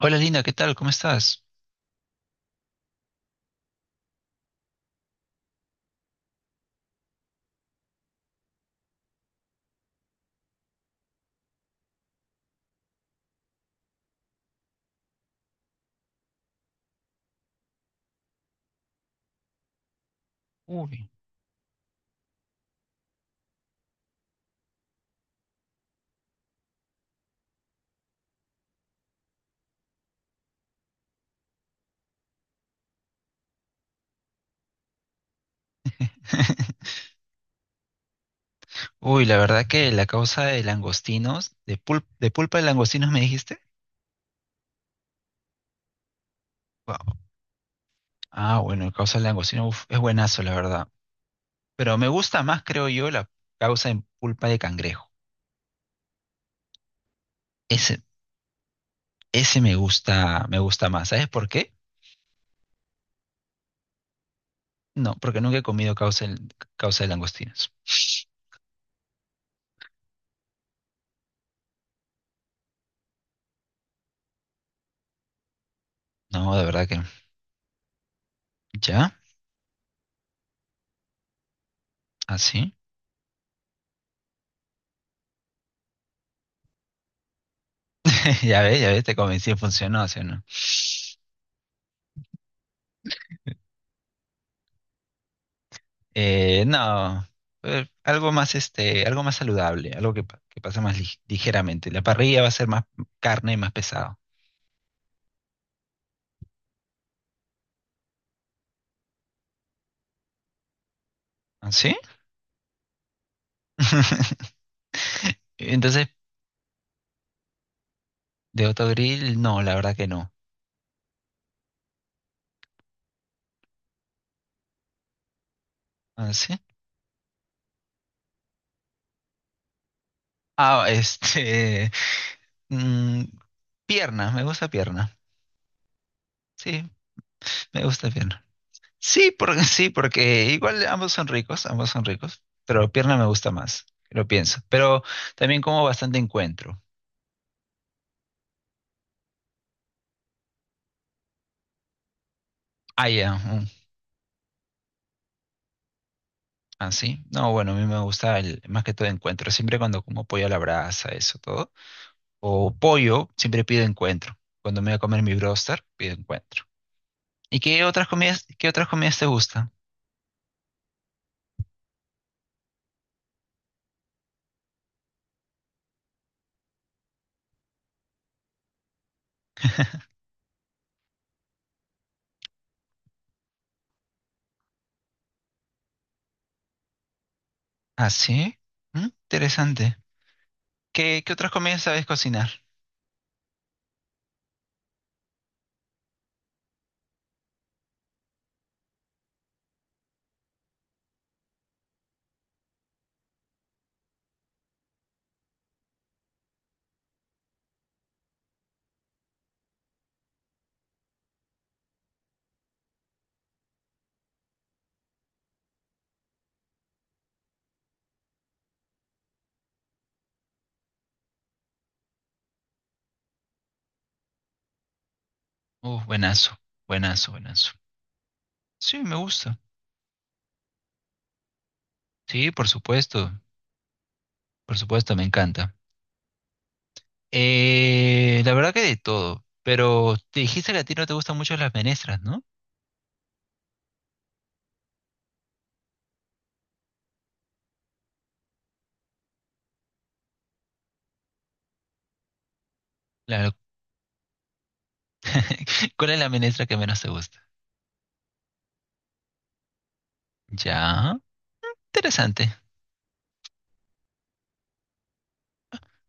Hola Linda, ¿qué tal? ¿Cómo estás? Uy. Uy, la verdad que la causa de langostinos, de, pul- de pulpa de langostinos me dijiste. Wow. Ah, bueno, la causa de langostinos uf, es buenazo, la verdad. Pero me gusta más, creo yo, la causa en pulpa de cangrejo. Ese, ese me gusta más. ¿Sabes por qué? No, porque nunca he comido causa, causa de langostinos. No, de verdad que no. ¿Ya? ¿Así? Ya ves, te convencí, funcionó, ¿sí o no? No, algo más algo más saludable, algo que, que pasa más ligeramente. La parrilla va a ser más carne y más pesado. ¿Ah, sí? Entonces, de autogrill, no, la verdad que no. ¿Ah, sí? Ah, mm, pierna, me gusta pierna. Sí, me gusta pierna. Sí, porque sí, porque igual ambos son ricos, pero pierna me gusta más, lo pienso. Pero también como bastante encuentro. Ah, ya. Mm. Ah, sí. No, bueno, a mí me gusta el, más que todo encuentro. Siempre cuando como pollo a la brasa, eso todo. O pollo, siempre pido encuentro. Cuando me voy a comer mi broster, pido encuentro. ¿Y qué otras comidas te gustan? Ah, sí. Mm, interesante. ¿Qué, qué otras comidas sabes cocinar? Buenazo, buenazo, buenazo. Sí, me gusta. Sí, por supuesto, me encanta. La verdad que de todo. Pero te dijiste que a ti no te gustan mucho las menestras, ¿no? La- ¿Cuál es la ministra que menos te gusta? Ya, interesante.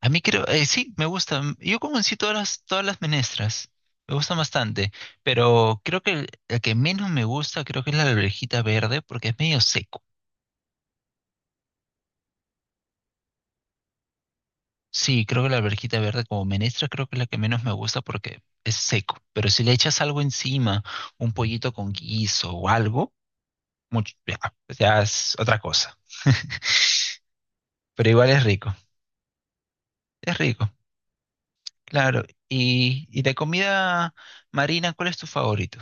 A mí creo, sí, me gusta. Yo como en sí todas las menestras. Me gustan bastante. Pero creo que la que menos me gusta creo que es la alverjita verde porque es medio seco. Sí, creo que la alverjita verde como menestra creo que es la que menos me gusta porque es seco. Pero si le echas algo encima, un pollito con guiso o algo, mucho, ya, ya es otra cosa. Pero igual es rico. Es rico. Claro, y de comida marina, ¿cuál es tu favorito?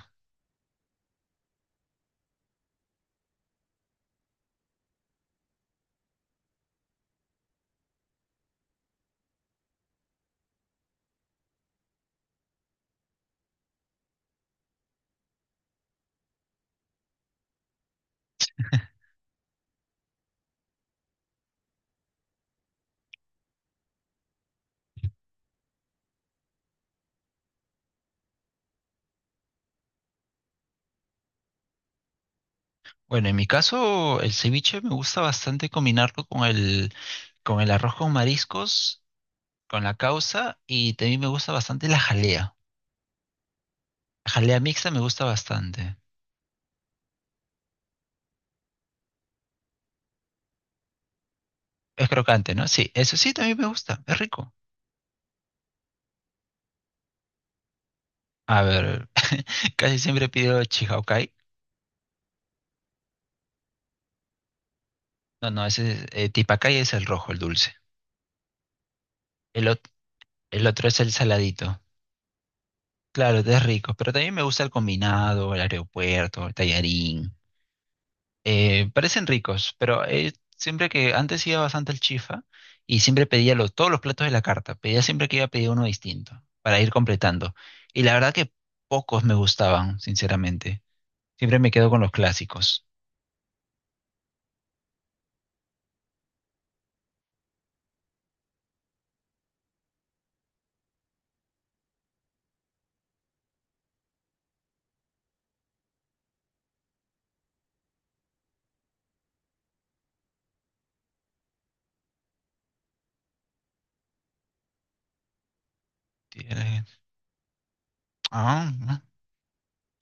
Bueno, en mi caso, el ceviche me gusta bastante combinarlo con el arroz con mariscos, con la causa, y también me gusta bastante la jalea. La jalea mixta me gusta bastante. Es crocante, ¿no? Sí, eso sí, también me gusta, es rico. A ver, casi siempre pido chihaucay. No, no, ese es, tipacay es el rojo, el dulce. El, ot- el otro es el saladito. Claro, es rico, pero también me gusta el combinado, el aeropuerto, el tallarín. Parecen ricos, pero siempre que antes iba bastante al Chifa y siempre pedía todos los platos de la carta, pedía siempre que iba a pedir uno distinto para ir completando. Y la verdad que pocos me gustaban, sinceramente. Siempre me quedo con los clásicos. Tiene- Ah, ah, no,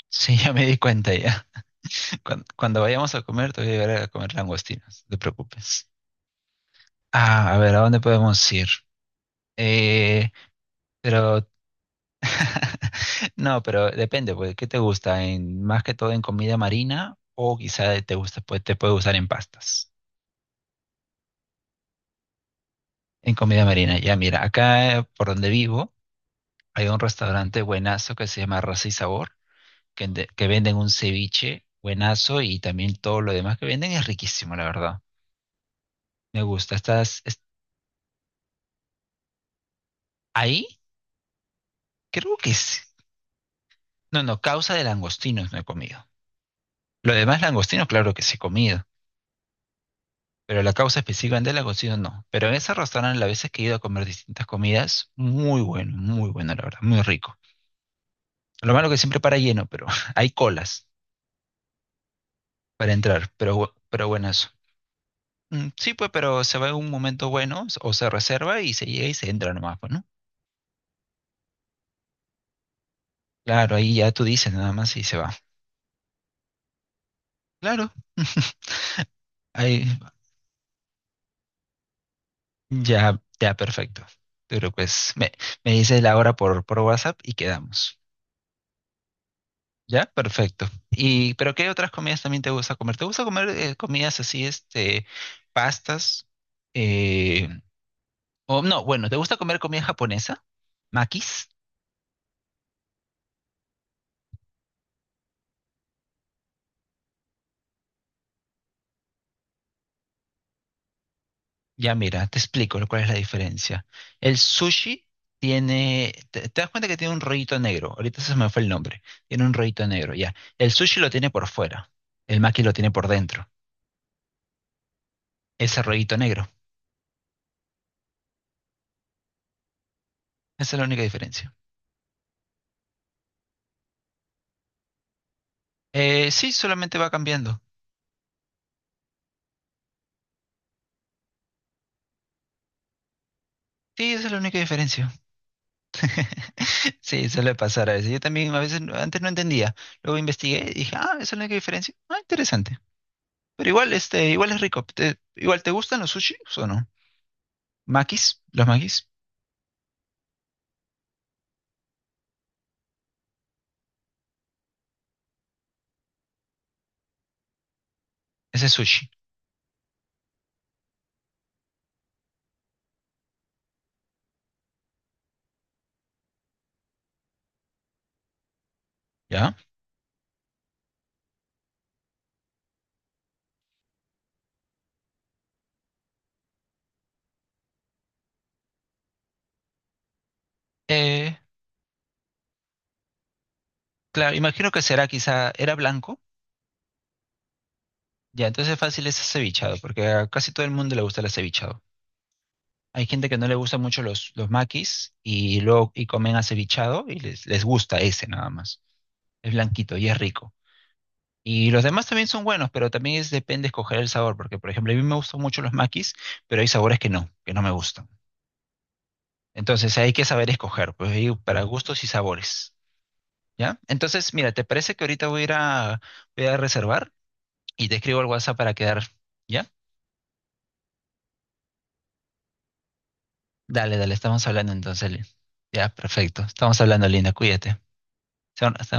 sí, ya me di cuenta ya. Cuando, cuando vayamos a comer, te voy a llevar a comer langostinos, no te preocupes. Ah, a ver, ¿a dónde podemos ir? Eh, pero no, pero depende, pues, ¿qué te gusta? En, más que todo en comida marina o quizá te gusta, pues, te puede usar en pastas. En comida marina, ya mira, acá por donde vivo hay un restaurante buenazo que se llama Raza y Sabor, que, que venden un ceviche buenazo y también todo lo demás que venden es riquísimo, la verdad. Me gusta. ¿Estás ahí? Creo que sí. No, no, causa de langostinos no he comido. Lo demás langostinos, claro que sí he comido. Pero la causa específicamente la consigo no. Pero en ese restaurante, las veces que he ido a comer distintas comidas, muy bueno, muy bueno, la verdad, muy rico. Lo malo que siempre para lleno, pero hay colas para entrar, pero buenas. Mm, sí, pues, pero se va en un momento bueno, o se reserva y se llega y se entra nomás, pues, ¿no? Claro, ahí ya tú dices nada más y se va. Claro, ahí ya, ya, perfecto. Pero pues me, me dices la hora por WhatsApp y quedamos. Ya, perfecto. Y, pero ¿qué otras comidas también te gusta comer? ¿Te gusta comer comidas así, este, pastas? Eh, o no, bueno, ¿te gusta comer comida japonesa? ¿Makis? Ya mira, te explico cuál es la diferencia. El sushi tiene, te das cuenta que tiene un rollito negro. Ahorita se me fue el nombre. Tiene un rollito negro, ya. El sushi lo tiene por fuera. El maki lo tiene por dentro. Ese rollito negro. Esa es la única diferencia. Sí, solamente va cambiando. Sí, esa es la única diferencia. Sí, suele pasar a veces. Yo también a veces antes no entendía. Luego investigué y dije, ah, esa es la única diferencia. Ah, interesante. Pero igual, este, igual es rico. Igual, ¿te gustan los sushis o no? Makis, los makis, ese es sushi, ¿ya? Eh, claro, imagino que será quizá, era blanco, ya, entonces fácil es cevichado, porque a casi todo el mundo le gusta el acevichado. Hay gente que no le gusta mucho los makis y luego y comen acevichado y les gusta ese nada más. Es blanquito y es rico. Y los demás también son buenos, pero también es, depende escoger el sabor, porque por ejemplo, a mí me gustan mucho los maquis, pero hay sabores que no me gustan. Entonces hay que saber escoger, pues ahí para gustos y sabores, ¿ya? Entonces, mira, ¿te parece que ahorita voy a reservar y te escribo al WhatsApp para quedar, ¿ya? Dale, dale, estamos hablando entonces, Lin. Ya, perfecto. Estamos hablando, Linda, cuídate. Se-